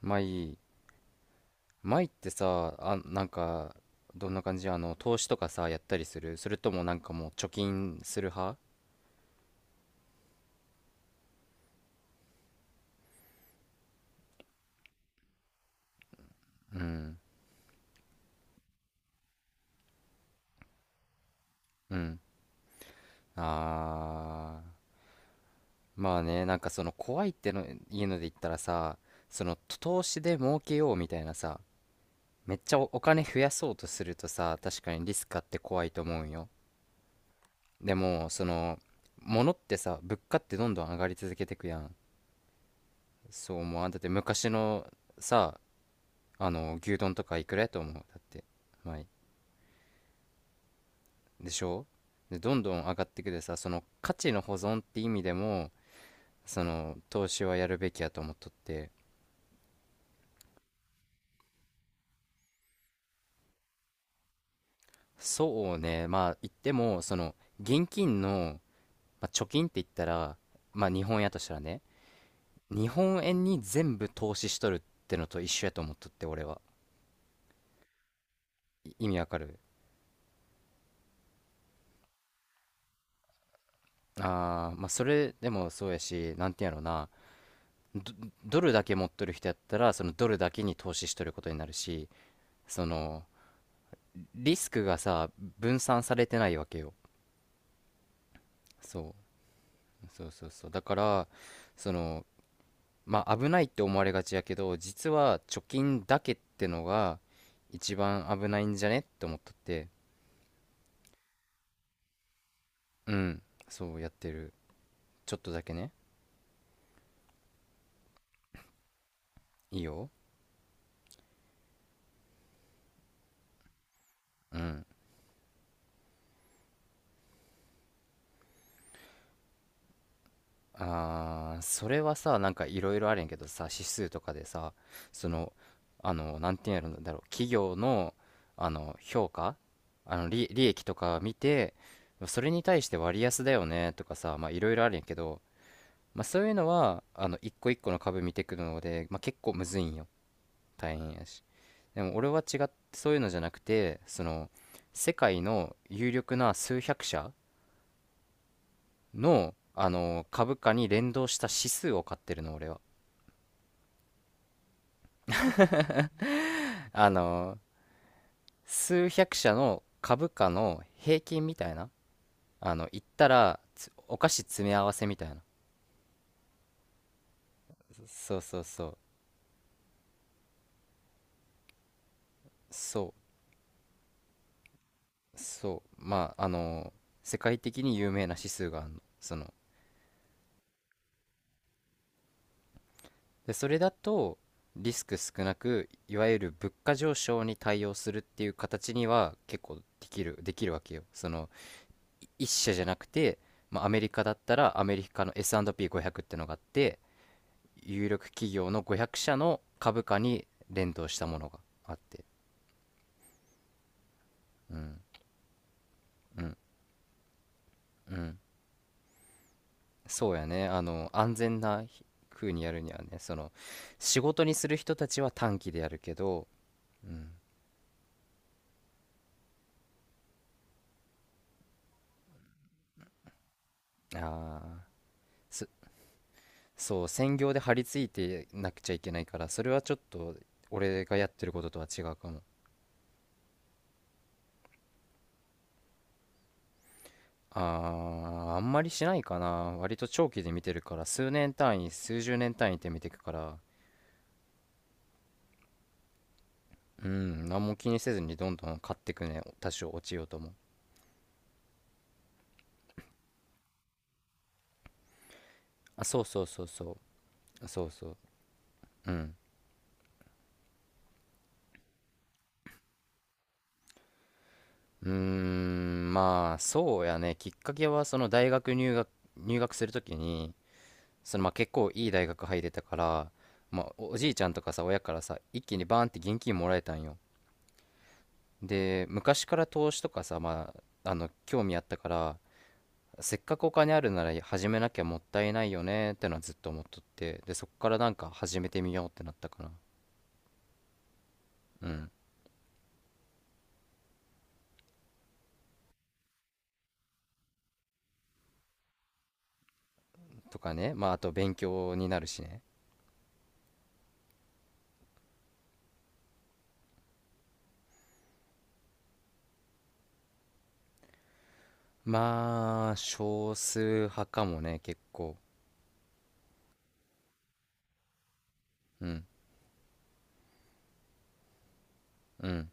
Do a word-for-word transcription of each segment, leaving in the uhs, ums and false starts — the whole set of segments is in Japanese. マイ、マイってさ、あ、なんか、どんな感じあの、投資とかさ、やったりする？それともなんかもう貯金する派？うん。あー、まあね、なんかその怖いっての、いうので言ったらさ、その投資で儲けようみたいなさ、めっちゃお、お金増やそうとするとさ、確かにリスクあって怖いと思うんよ。でも、その、物ってさ、物価ってどんどん上がり続けてくやん。そう思わん？だって昔のさ、あの牛丼とかいくらやと思う？だってまあ、でしょ？でどんどん上がってくでさ、その価値の保存って意味でも、その投資はやるべきやと思っとって。そうね、まあ言ってもその現金の、まあ、貯金って言ったらまあ日本円やとしたらね、日本円に全部投資しとるってのと一緒やと思っとって俺は。い意味わかる？あー、まあそれでもそうやし、なんていうんやろな。ドドルだけ持っとる人やったらそのドルだけに投資しとることになるし、そのリスクがさ、分散されてないわけよ。そうそうそうそう。だから、そのまあ危ないって思われがちやけど、実は貯金だけってのが一番危ないんじゃねって思っとって。うん、そうやってる、ちょっとだけね。いいよ。うん。あー、それはさ、なんかいろいろあるんやけどさ、指数とかでさ、その、あの、なんていうんやろだろう、企業の、あの、評価、あの、利、利益とか見て、それに対して割安だよねとかさ、まあいろいろあるんやけど、まあそういうのは、あの、一個一個の株見てくるので、まあ結構むずいんよ。大変やし。でも俺は違って、そういうのじゃなくて、その、世界の有力な数百社の、あの、株価に連動した指数を買ってるの、俺は。あの、数百社の株価の平均みたいな。あの、言ったらつお菓子詰め合わせみたいな。そうそうそうそうそう。まああの、世界的に有名な指数があるの、その。でそれだと、リスク少なく、いわゆる物価上昇に対応するっていう形には結構できるできるわけよ。その、い一社じゃなくて、まあ、アメリカだったらアメリカの S&ピーごひゃく ってのがあって、有力企業のごひゃくしゃ社の株価に連動したものがあって。うんうんうん。そうやね、あの安全な風にやるにはね、その仕事にする人たちは短期でやるけど。うん、ああ、そそう、専業で張り付いてなくちゃいけないから、それはちょっと俺がやってることとは違うかも。ああ、あんまりしないかな。割と長期で見てるから、数年単位、数十年単位って見てくから。うん、何も気にせずにどんどん買ってくね、多少落ちようとも。あ、そうそうそうそう、そうそう。うん。うーん、まあ、そうやね、きっかけは、その大学入学、入学するときに、そのまあ結構いい大学入れたから、まあ、おおじいちゃんとかさ、親からさ、一気にバーンって現金もらえたんよ。で、昔から投資とかさ、まあ、あの、興味あったから、せっかくお金あるなら始めなきゃもったいないよねってのはずっと思っとって、で、そっからなんか始めてみようってなったかな。うん。とかね、まあ、あと勉強になるしね。まあ、少数派かもね、結構。うん、うん、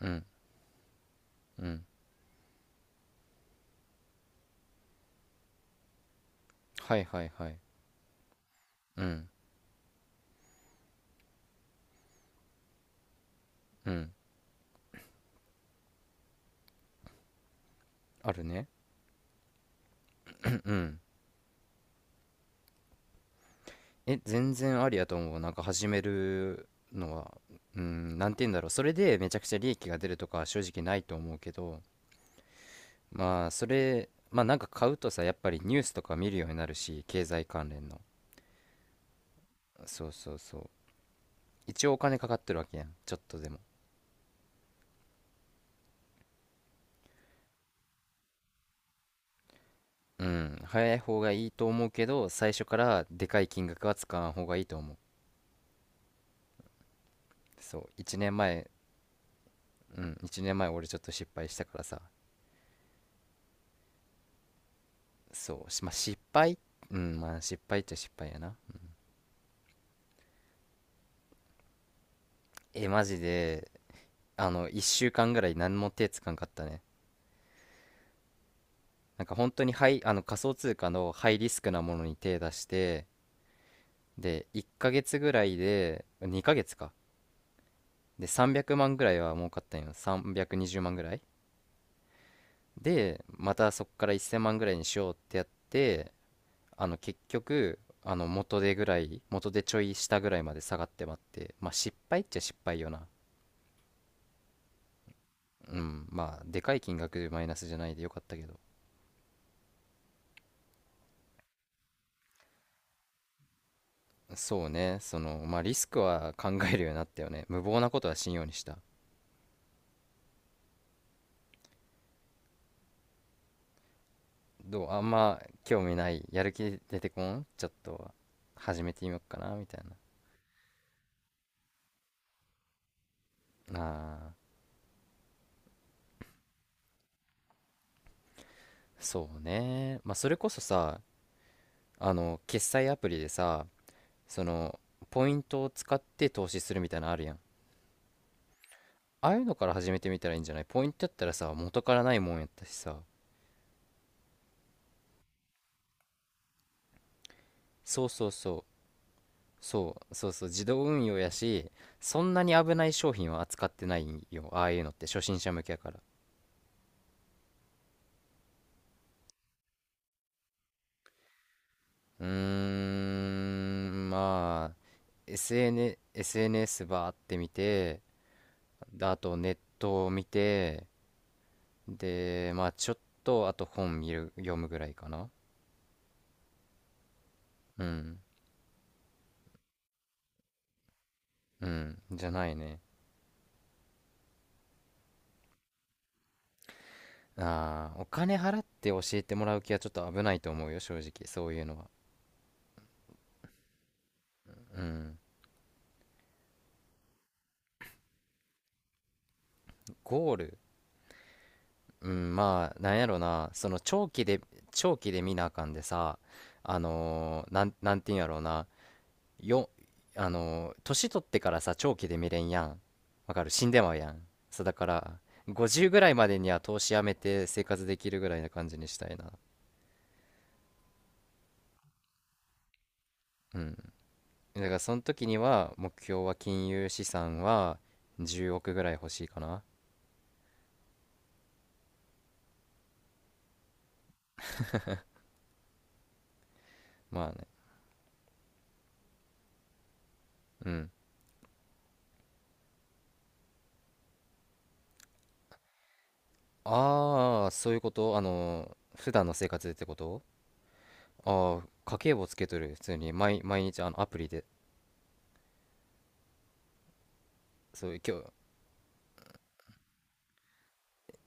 うん、うん。はいはいはい。うん、うん。あるね。うん、うん。え、全然ありやと思う。なんか始めるのは、うん、なんて言うんだろう。それでめちゃくちゃ利益が出るとかは正直ないと思うけど、まあ、それ、まあなんか買うとさ、やっぱりニュースとか見るようになるし、経済関連の。そうそうそう。一応お金かかってるわけやん。ちょっとでも。うん、早い方がいいと思うけど、最初からでかい金額は使わん方がいいと思う。そう、いちねんまえ、うん、いちねんまえ俺ちょっと失敗したからさ、そう、しまあ、失敗。うん、まあ失敗っちゃ失敗やな。え、マジで、あの、いっしゅうかんぐらい何も手つかんかったね。なんか本当にハイ、あの仮想通貨のハイリスクなものに手出して、で、いっかげつぐらいで、にかげつか。で、さんびゃくまんぐらいは儲かったんよ。さんびゃくにじゅうまんぐらい。でまたそこからせんまんぐらいにしようってやって、あの結局、あの元手ぐらい元手ちょい下ぐらいまで下がってまって、まあ失敗っちゃ失敗よな。うん、まあでかい金額でマイナスじゃないでよかったけど。そうね、そのまあリスクは考えるようになったよね。無謀なことはしんようにした。どう？あんま興味ない？やる気出てこん？ちょっと始めてみようかなみたいな。あー、そうね、まあそれこそさ、あの決済アプリでさ、そのポイントを使って投資するみたいなのあるやん？ああいうのから始めてみたらいいんじゃない？ポイントやったらさ、元からないもんやったしさ。そうそうそう。そうそうそう、自動運用やし、そんなに危ない商品は扱ってないんよ。ああいうのって初心者向けやから。うーん、まあ エスエヌ エスエヌエス バーって見て、であとネットを見て、でまあちょっと、あと本見る読むぐらいかな。うん、うん、じゃないね。ああ、お金払って教えてもらう気はちょっと危ないと思うよ、正直、そういうのは。うん。ゴール。うん、まあ、なんやろな、その長期で、長期で見なあかんでさ、あのー、なん、なんていうんやろうな、よ、あのー、年取ってからさ、長期で見れんやん。わかる？死んでまうやん。そう、だから、ごじゅうぐらいまでには投資やめて生活できるぐらいな感じにしたいな。うん。だから、その時には、目標は金融資産はじゅうおくぐらい欲しいかな。まあね。うん。ああ、そういうこと？あの、普段の生活でってこと？ああ、家計簿つけとる。普通に毎、毎日あのアプリで。そう、今日、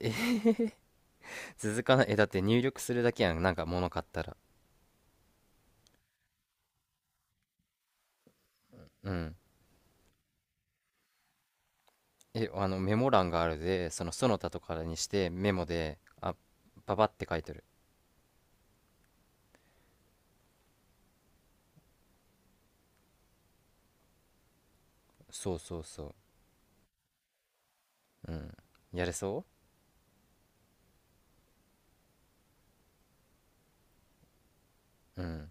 え。続かない？え、だって入力するだけやん。なんか物買ったら。うん。え、あの、メモ欄があるで、そのその他とかにしてメモで、あ、パパって書いてる。そうそうそう。うん。やれそう？うん。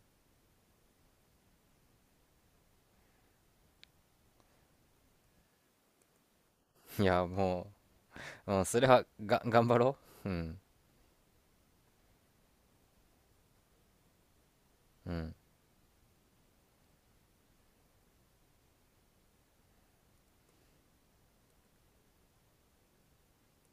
いや、もう、うん、それは、が、頑張ろう。うん。うん。